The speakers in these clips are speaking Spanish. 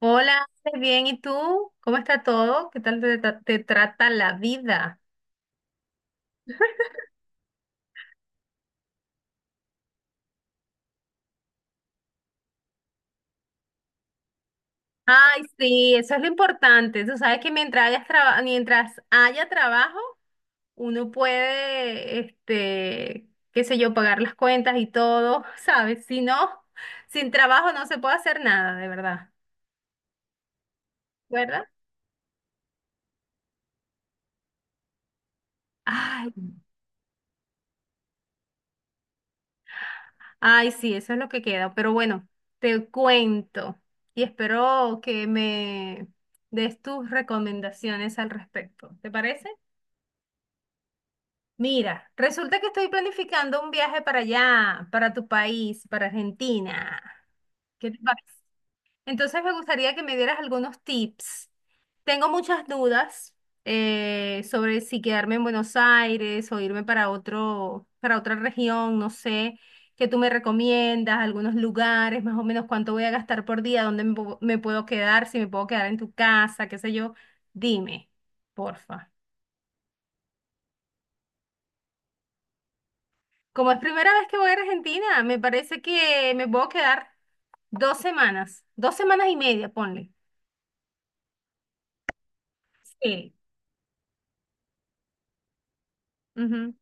Hola, Ale, bien, ¿y tú? ¿Cómo está todo? ¿Qué tal te trata la vida? Ay, sí, eso es lo importante. Tú sabes que mientras haya trabajo, uno puede, qué sé yo, pagar las cuentas y todo, ¿sabes? Si no, sin trabajo no se puede hacer nada, de verdad, ¿verdad? Ay. Ay, sí, eso es lo que queda. Pero bueno, te cuento y espero que me des tus recomendaciones al respecto. ¿Te parece? Mira, resulta que estoy planificando un viaje para allá, para tu país, para Argentina. ¿Qué te parece? Entonces me gustaría que me dieras algunos tips. Tengo muchas dudas sobre si quedarme en Buenos Aires o irme para otra región, no sé, qué tú me recomiendas, algunos lugares, más o menos cuánto voy a gastar por día, dónde me puedo quedar, si me puedo quedar en tu casa, qué sé yo. Dime, porfa. Como es primera vez que voy a Argentina, me parece que me puedo quedar 2 semanas, 2 semanas y media, ponle. Sí. Ujú.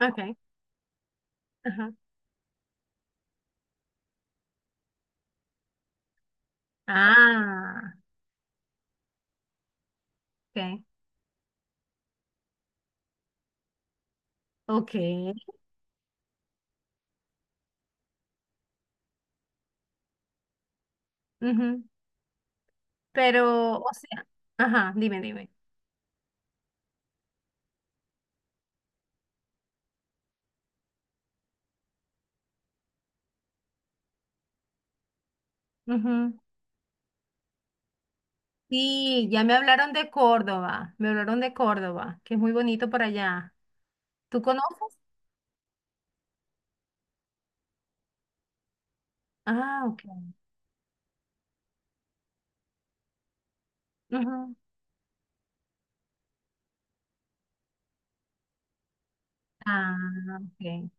Ok. Ajá. Ah, ok, ok. Ujú. Pero, o sea, ajá, dime, dime. Ujú. Sí, ya me hablaron de Córdoba, me hablaron de Córdoba, que es muy bonito por allá. ¿Tú conoces? Ah, ok. Ujú. Ah, ok.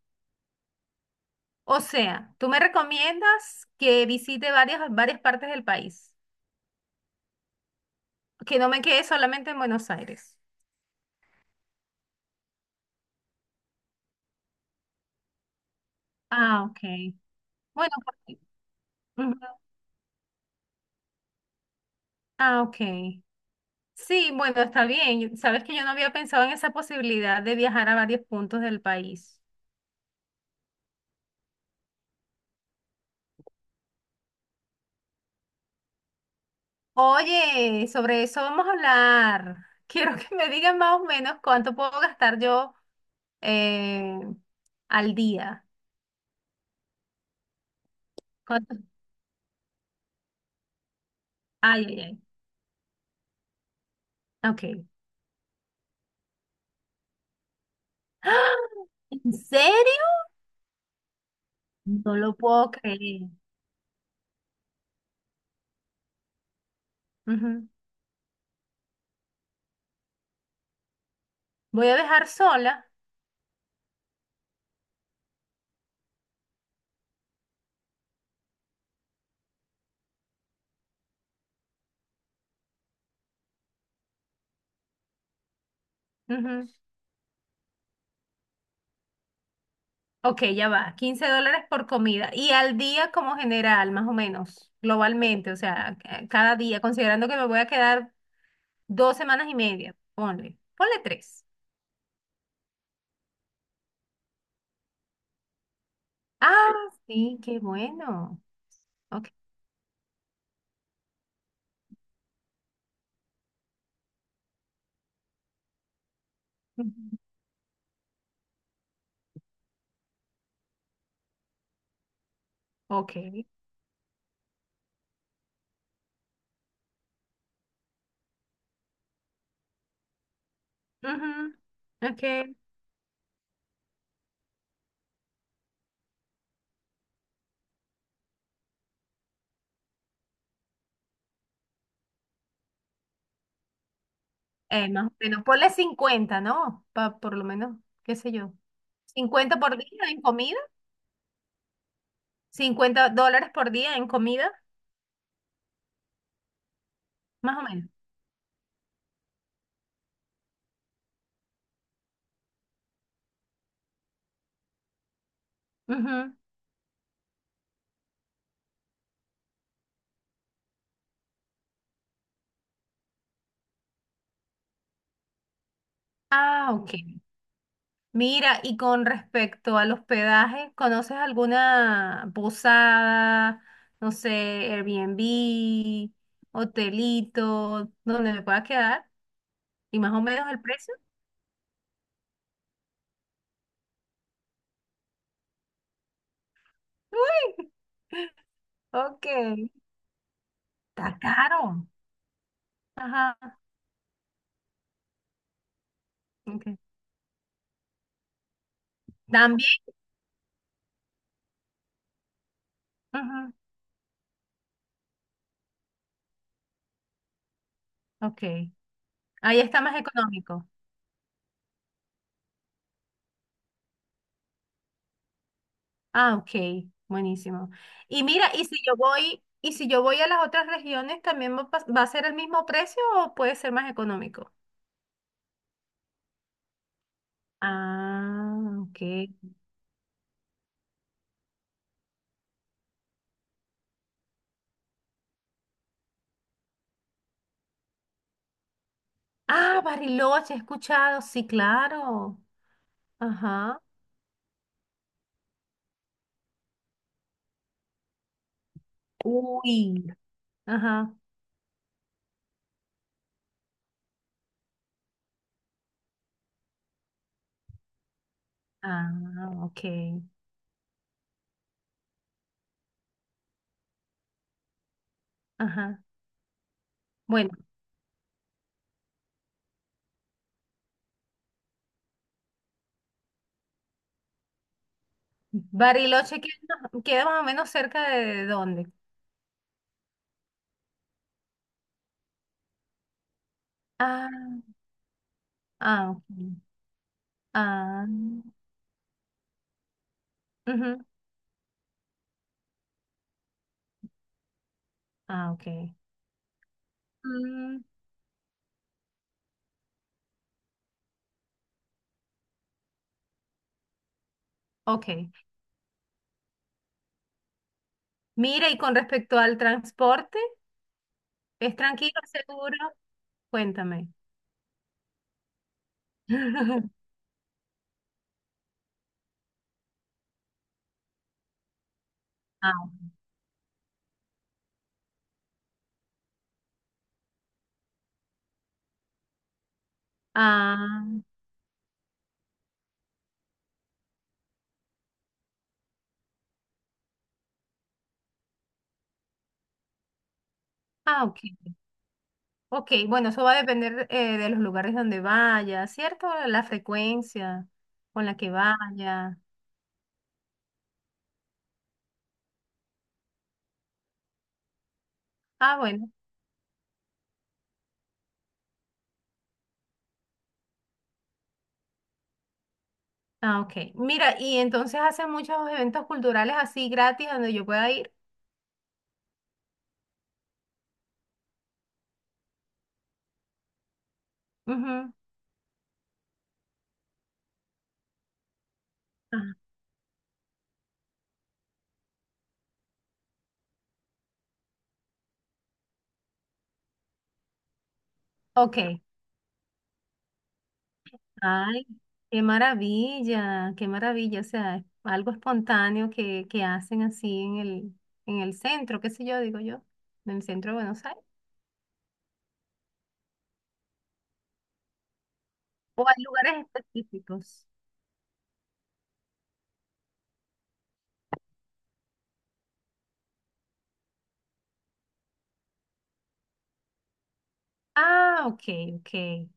O sea, tú me recomiendas que visite varias, varias partes del país, que no me quede solamente en Buenos Aires. Ah, ok. Bueno, ujú. Ah, ok. Sí, bueno, está bien. Sabes que yo no había pensado en esa posibilidad de viajar a varios puntos del país. Oye, sobre eso vamos a hablar. Quiero que me digan más o menos cuánto puedo gastar yo eh, al día. ¿Cuánto? Ay, ay, ay. Ok. ¡Ah! ¿En serio? No lo puedo creer. Ujú. Voy a dejar sola. Ujú. Ok, ya va. 15 dólares por comida. Y al día como general, más o menos, globalmente, o sea, cada día, considerando que me voy a quedar 2 semanas y media, ponle, ponle tres. Ah, sí, qué bueno. Ok. Ujú. Ok. Ujú. Ok. Más o menos, ponle 50, ¿no? Por lo menos, qué sé yo. 50 por día en comida. Cincuenta dólares por día en comida, más o menos. Ujú. Ah, ok. Mira, y con respecto al hospedaje, ¿conoces alguna posada, no sé, Airbnb, hotelito, donde me pueda quedar? ¿Y más o menos el precio? Uy, ok. Está caro. Ajá, ok. También, ujú, ok. Ahí está más económico. Ah, ok. Buenísimo. Y mira, y si yo voy a las otras regiones, ¿también va a ser el mismo precio o puede ser más económico? Ah, ok. Ah, Bariloche, he escuchado, sí, claro. Ajá. Uy. Ajá. Ah, ok. Ajá. Bueno, Bariloche queda más o menos cerca de dónde. Ah, ah, ok. Ah, ujú. Ah, ok. Mm, ok. Mira, y con respecto al transporte, ¿es tranquilo, seguro? Cuéntame. Ah, ah, ah, ok. Ok, bueno, eso va a depender de los lugares donde vaya, ¿cierto? La frecuencia con la que vaya. Ah, bueno. Ah, ok. Mira, y entonces hacen muchos eventos culturales así gratis donde yo pueda ir. Ujú. Ah, ok. Ay, qué maravilla, qué maravilla. O sea, es algo espontáneo que hacen así en el centro, qué sé yo, digo yo, en el centro de Buenos Aires. O hay lugares específicos. Ah, ok, ok.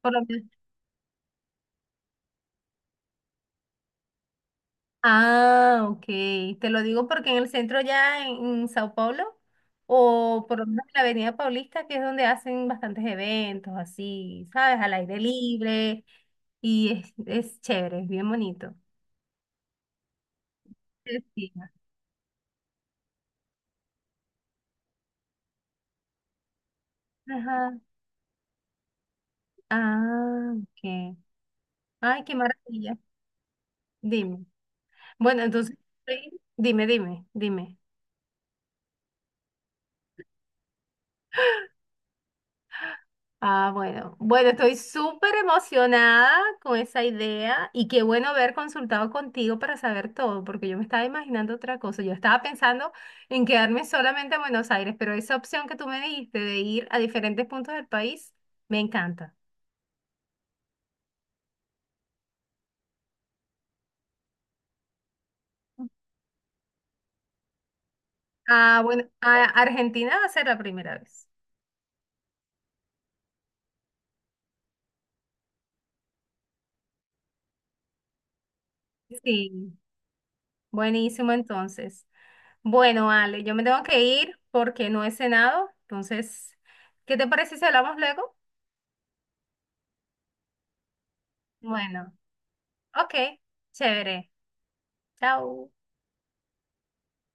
Por lo menos. Ah, ok. Te lo digo porque en el centro ya en Sao Paulo, o por lo menos en la Avenida Paulista, que es donde hacen bastantes eventos así, ¿sabes? Al aire libre. Y es chévere, es bien bonito. Festiva. Ajá. Ah, ok. Ay, qué maravilla. Dime. Bueno, entonces, sí, dime, dime, dime. Ah, bueno. Bueno, estoy súper emocionada con esa idea y qué bueno haber consultado contigo para saber todo, porque yo me estaba imaginando otra cosa. Yo estaba pensando en quedarme solamente en Buenos Aires, pero esa opción que tú me dijiste de ir a diferentes puntos del país, me encanta. Ah, bueno, a Argentina va a ser la primera vez. Sí, buenísimo entonces. Bueno, Ale, yo me tengo que ir porque no he cenado, entonces, ¿qué te parece si hablamos luego? Bueno, ok, chévere. Chao.